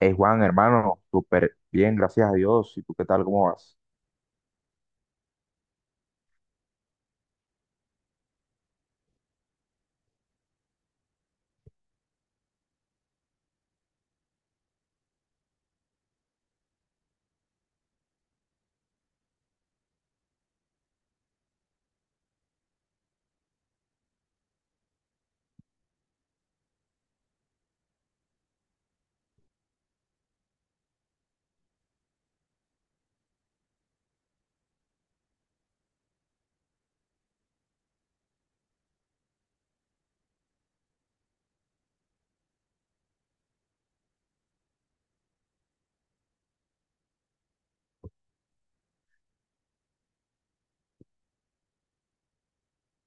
Hey Juan, hermano, súper bien, gracias a Dios. ¿Y tú qué tal? ¿Cómo vas?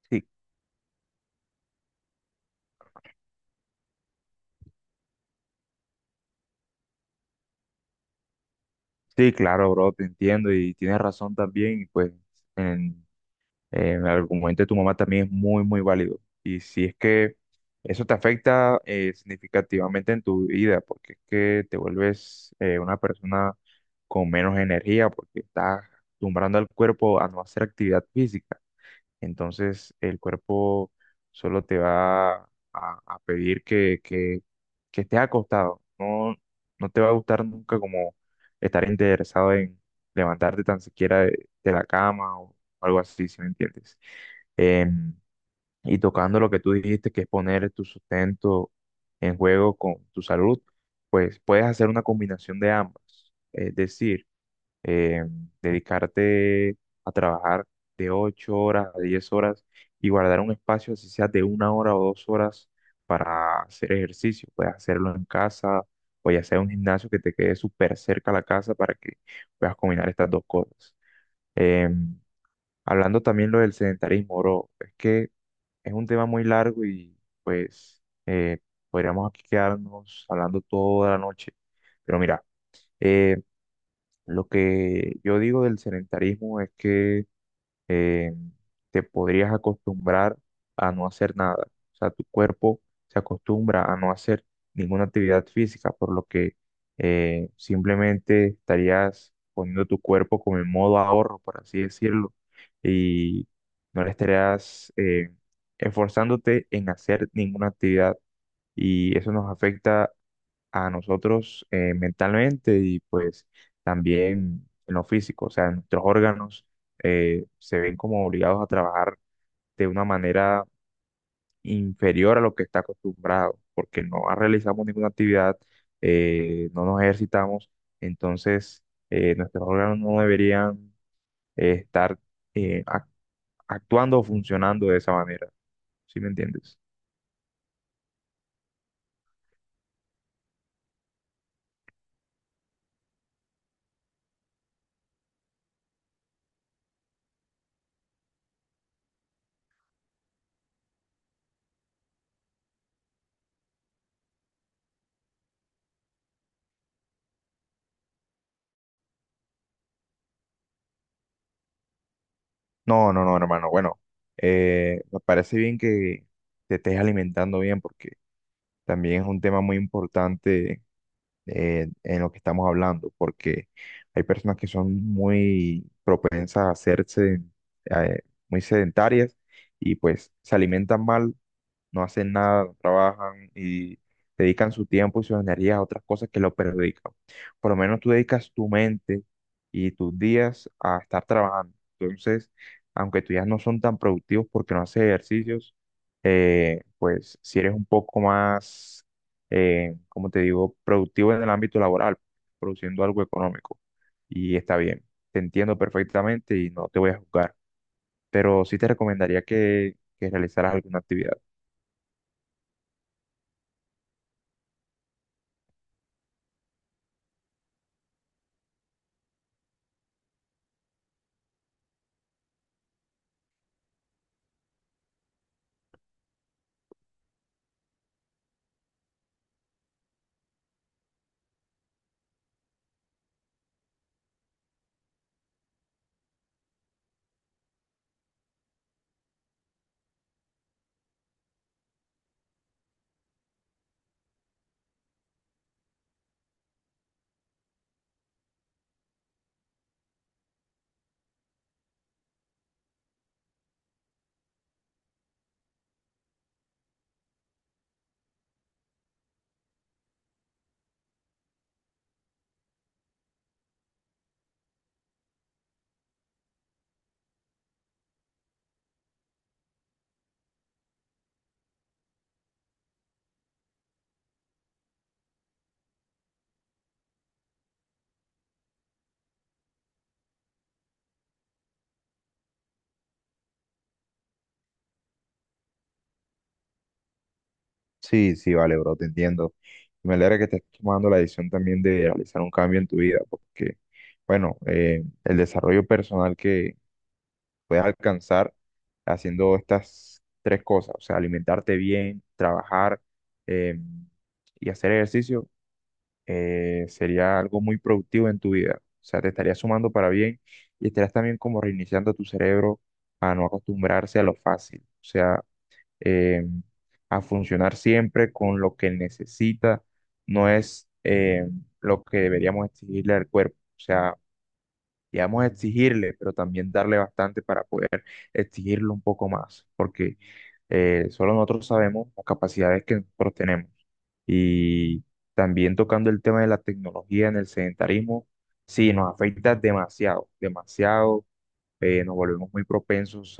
Sí, sí, claro, bro, te entiendo y tienes razón también. Y pues en, en el argumento de tu mamá también es muy válido. Y si es que eso te afecta significativamente en tu vida, porque es que te vuelves una persona con menos energía, porque estás acostumbrando al cuerpo a no hacer actividad física. Entonces el cuerpo solo te va a pedir que estés acostado. No, no te va a gustar nunca como estar interesado en levantarte tan siquiera de la cama o algo así, si me entiendes. Em, y tocando lo que tú dijiste, que es poner tu sustento en juego con tu salud, pues puedes hacer una combinación de ambas. Es decir, eh, dedicarte a trabajar de 8 horas a 10 horas y guardar un espacio, así sea de una hora o dos horas, para hacer ejercicio. Puedes hacerlo en casa o ya sea un gimnasio que te quede súper cerca a la casa para que puedas combinar estas dos cosas. Em, Hablando también lo del sedentarismo, bro, es que es un tema muy largo y pues podríamos aquí quedarnos hablando toda la noche. Pero mira, eh, lo que yo digo del sedentarismo es que eh, te podrías acostumbrar a no hacer nada. O sea, tu cuerpo se acostumbra a no hacer ninguna actividad física, por lo que simplemente estarías poniendo tu cuerpo como en modo ahorro, por así decirlo, y no le estarías esforzándote en hacer ninguna actividad. Y eso nos afecta a nosotros mentalmente y pues también en lo físico. O sea, nuestros órganos se ven como obligados a trabajar de una manera inferior a lo que está acostumbrado, porque no realizamos ninguna actividad, no nos ejercitamos, entonces nuestros órganos no deberían estar eh, ac- actuando o funcionando de esa manera. ¿Sí me entiendes? No, no, no, hermano. Bueno, me parece bien que te estés alimentando bien porque también es un tema muy importante en lo que estamos hablando, porque hay personas que son muy propensas a hacerse eh, muy sedentarias y pues se alimentan mal no hacen nada, no trabajan y dedican su tiempo y sus energías a otras cosas que lo perjudican. Por lo menos tú dedicas tu mente y tus días a estar trabajando. Entonces, aunque tus días no son tan productivos porque no haces ejercicios, pues si eres un poco más, como te digo, productivo en el ámbito laboral, produciendo algo económico. Y está bien, te entiendo perfectamente y no te voy a juzgar, pero sí te recomendaría que realizaras alguna actividad. Sí, sí, vale, bro, te entiendo. Me alegra que estés tomando la decisión también de realizar un cambio en tu vida, porque, bueno, el desarrollo personal que puedes alcanzar haciendo estas tres cosas, o sea, alimentarte bien, trabajar eh, y hacer ejercicio, sería algo muy productivo en tu vida. O sea, te estarías sumando para bien y estarías también como reiniciando tu cerebro a no acostumbrarse a lo fácil. O sea, eh, a funcionar siempre con lo que necesita, no es lo que deberíamos exigirle al cuerpo. O sea, digamos exigirle, pero también darle bastante para poder exigirle un poco más, porque solo nosotros sabemos las capacidades que nosotros tenemos. Y también tocando el tema de la tecnología en el sedentarismo, sí, nos afecta demasiado, demasiado. Nos volvemos muy propensos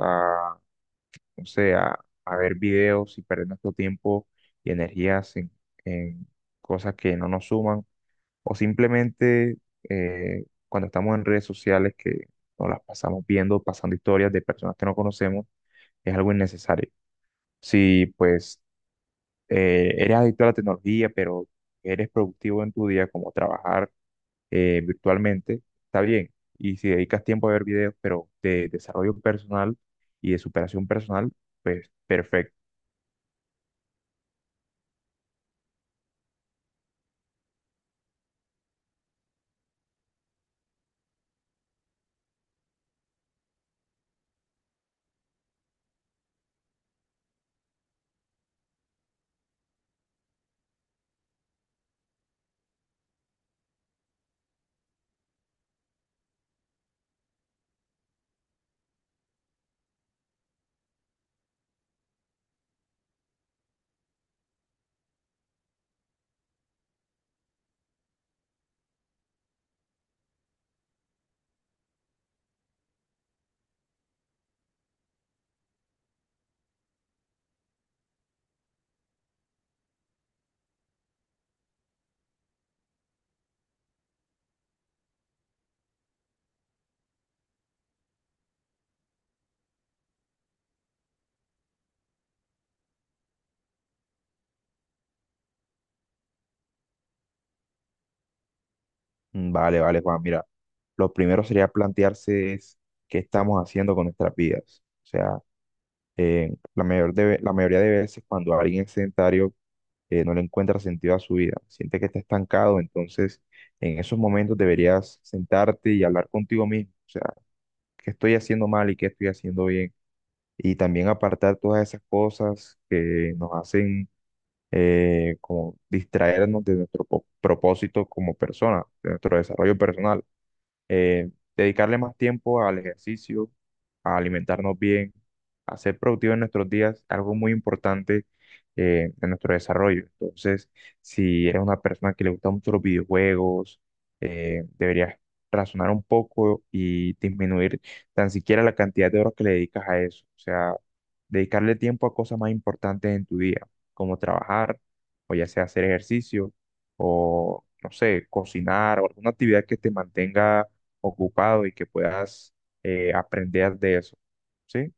o sea, a ver videos y perder nuestro tiempo y energías en cosas que no nos suman, o simplemente cuando estamos en redes sociales que nos las pasamos viendo, pasando historias de personas que no conocemos, es algo innecesario. Si pues eres adicto a la tecnología, pero eres productivo en tu día, como trabajar virtualmente, está bien. Y si dedicas tiempo a ver videos, pero de desarrollo personal y de superación personal, pues perfecto. Mm, vale, vale, Juan. Mira, lo primero sería plantearse es qué estamos haciendo con nuestras vidas. O sea, la mayoría de veces cuando alguien es sedentario no le encuentra sentido a su vida, siente que está estancado, entonces en esos momentos deberías sentarte y hablar contigo mismo. O sea, qué estoy haciendo mal y qué estoy haciendo bien. Y también apartar todas esas cosas que nos hacen como distraernos de nuestro propósito como persona, de nuestro desarrollo personal eh, dedicarle más tiempo al ejercicio, a alimentarnos bien, a ser productivos en nuestros días, algo muy importante en nuestro desarrollo. Entonces, si eres una persona que le gusta mucho los videojuegos, deberías razonar un poco y disminuir tan siquiera la cantidad de horas que le dedicas a eso. O sea, dedicarle tiempo a cosas más importantes en tu día, como trabajar, o ya sea hacer ejercicio, o no sé, cocinar o alguna actividad que te mantenga ocupado y que puedas aprender de eso. ¿Sí?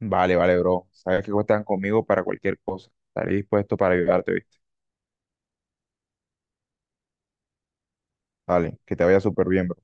Vale, vale, bro. Sabes que cuentan conmigo para cualquier cosa. Estaré dispuesto para ayudarte, ¿viste? Vale, que te vaya súper bien, bro.